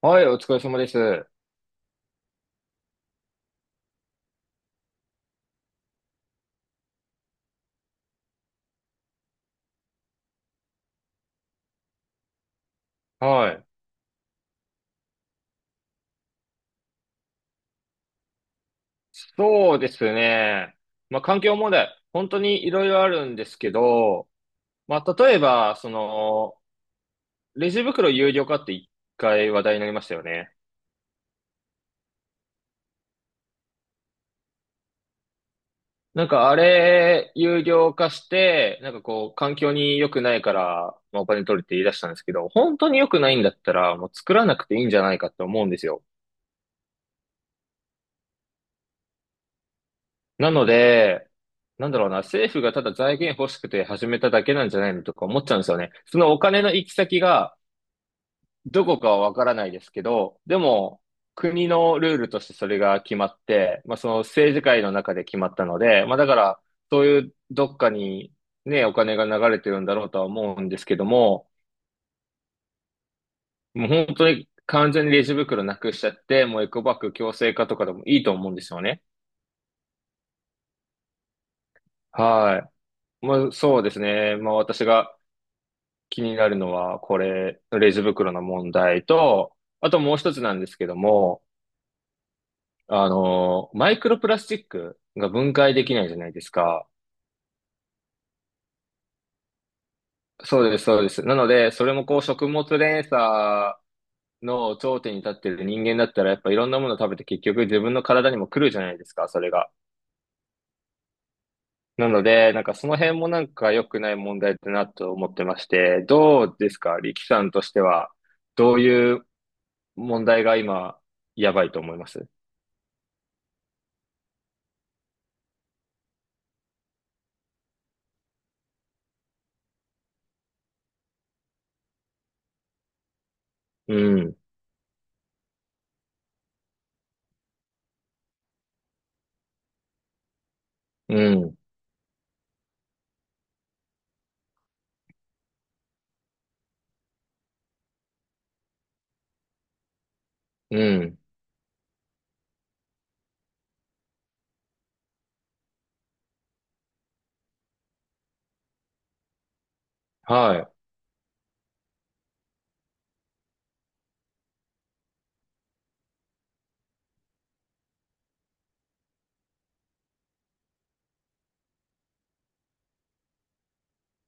はい、お疲れ様です。はい。そうですね。まあ、環境問題、本当にいろいろあるんですけど、まあ、例えば、レジ袋有料化って一回話題になりましたよね。なんかあれ、有料化して、環境に良くないから、まあ、お金取るって言い出したんですけど、本当に良くないんだったら、もう作らなくていいんじゃないかって思うんですよ。なので、なんだろうな、政府がただ財源欲しくて始めただけなんじゃないのとか思っちゃうんですよね。そのお金の行き先がどこかはわからないですけど、でも国のルールとしてそれが決まって、まあその政治界の中で決まったので、まあだからそういうどっかにね、お金が流れてるんだろうとは思うんですけども、もう本当に完全にレジ袋なくしちゃって、もうエコバッグ強制化とかでもいいと思うんですよね。はい。まあそうですね。まあ私が気になるのは、これ、レジ袋の問題と、あともう一つなんですけども、マイクロプラスチックが分解できないじゃないですか。そうです、そうです。なので、それもこう、食物連鎖の頂点に立ってる人間だったら、やっぱいろんなもの食べて結局自分の体にも来るじゃないですか、それが。なので、なんかその辺もなんか良くない問題だなと思ってまして、どうですか、力さんとしては、どういう問題が今、やばいと思います？うん、うん、うん、はい。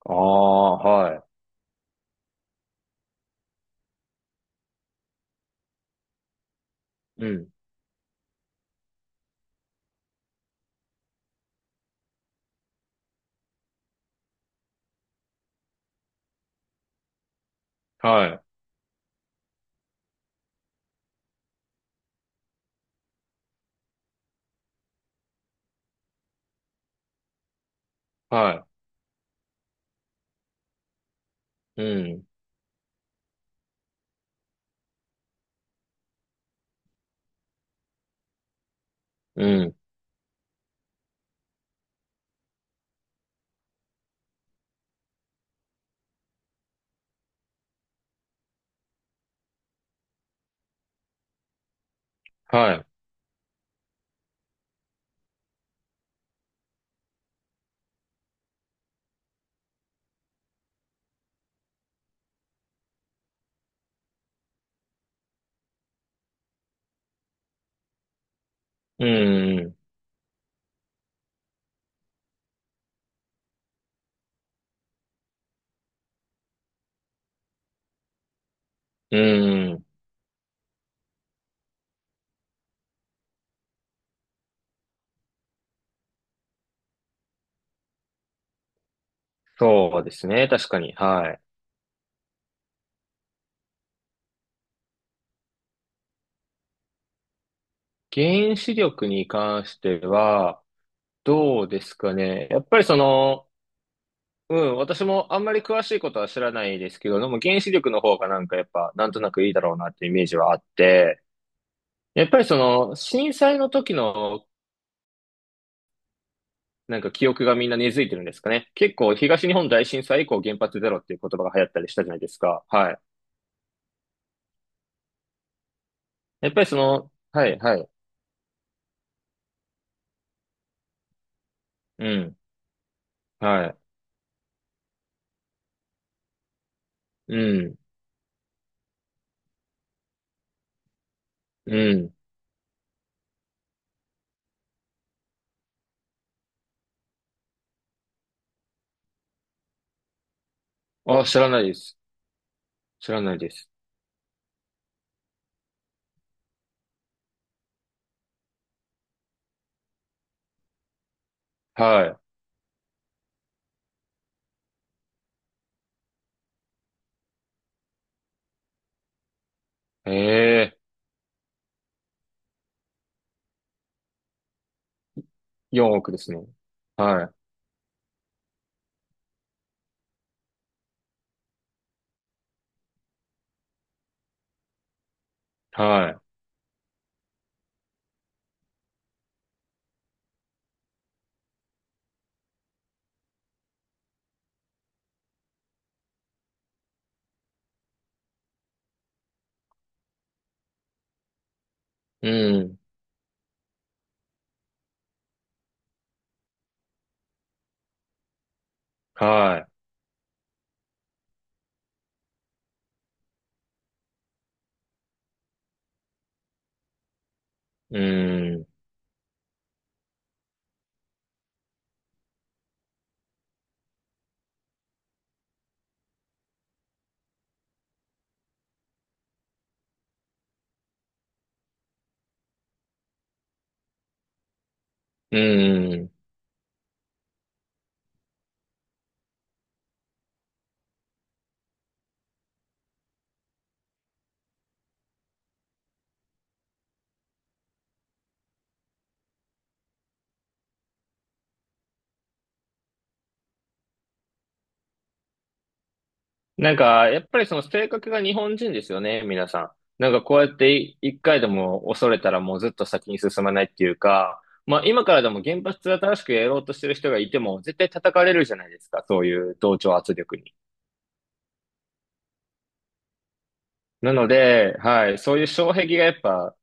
ああ、はい。うん、はい、はい。うん、うん、はい。うん、うん、うん。そうですね。確かに。はい。原子力に関しては、どうですかね。やっぱりその、うん、私もあんまり詳しいことは知らないですけど、でも原子力の方がなんかやっぱ、なんとなくいいだろうなっていうイメージはあって、やっぱりその、震災の時のなんか記憶がみんな根付いてるんですかね。結構東日本大震災以降原発ゼロっていう言葉が流行ったりしたじゃないですか。はい。やっぱりその、はい、はい。うん。はい。うん。うん。あ、知らないです。知らないです。はい。ええ、4億ですね。はい。はい。うん。はい。うん。うん。なんか、やっぱりその性格が日本人ですよね、皆さん。なんかこうやってい一回でも恐れたらもうずっと先に進まないっていうか、まあ今からでも原発で新しくやろうとしてる人がいても絶対叩かれるじゃないですか、そういう同調圧力に。なので、はい、そういう障壁がやっぱ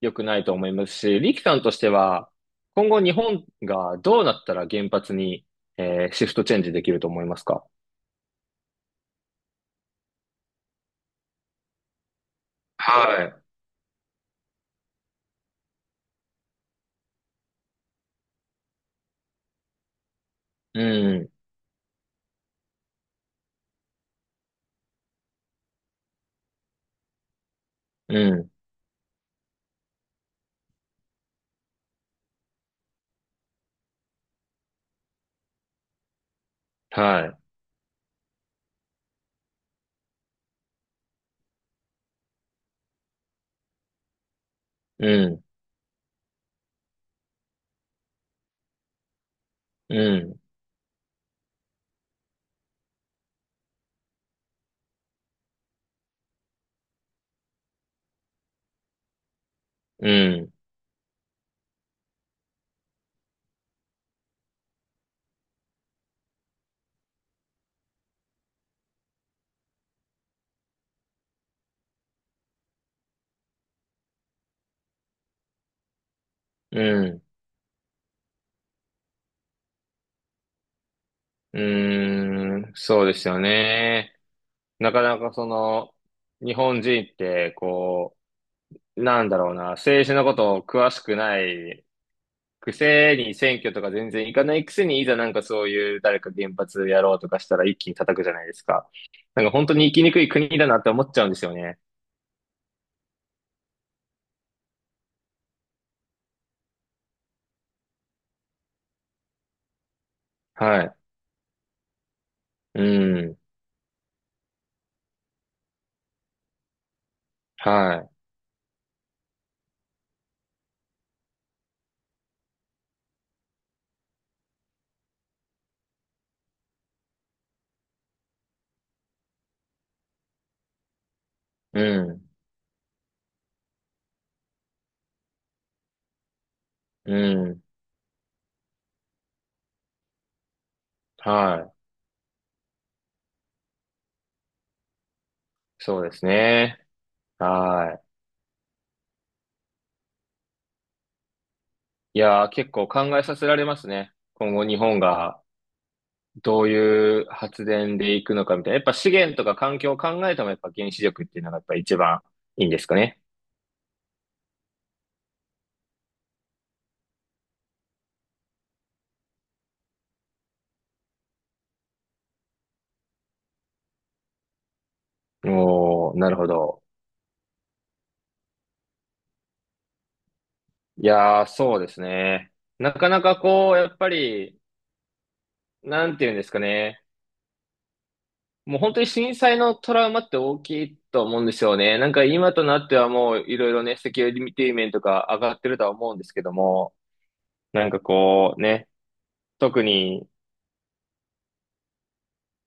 良くないと思いますし、リキさんとしては今後日本がどうなったら原発に、シフトチェンジできると思いますか？はい。うん、うん、はい。うん、うん、うん。うん。うーん。そうですよね。なかなかその、日本人って、こう、なんだろうな、政治のことを詳しくない、くせに選挙とか全然行かないくせに、いざなんかそういう誰か原発やろうとかしたら一気に叩くじゃないですか。なんか本当に生きにくい国だなって思っちゃうんですよね。はい。うん。はい。うん。うん。はい。そうですね。はい。いやー、結構考えさせられますね。今後日本がどういう発電でいくのかみたいな。やっぱ資源とか環境を考えてもやっぱ原子力っていうのがやっぱ一番いいんですかね。おー、なるほど。いやー、そうですね。なかなかこう、やっぱり、なんていうんですかね。もう本当に震災のトラウマって大きいと思うんですよね。なんか今となってはもういろいろね、セキュリティ面とか上がってるとは思うんですけども、なんかこうね、特に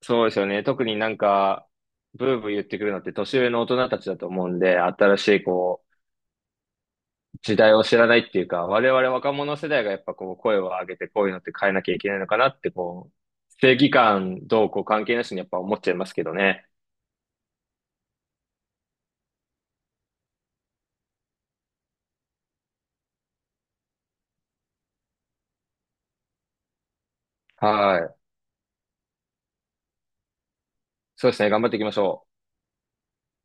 そうですよね。特になんか、ブーブー言ってくるのって年上の大人たちだと思うんで、新しいこう、時代を知らないっていうか、我々若者世代がやっぱこう、声を上げてこういうのって変えなきゃいけないのかなってこう、正義感どうこう関係なしにやっぱ思っちゃいますけどね。はい。そうですね。頑張っていきましょう。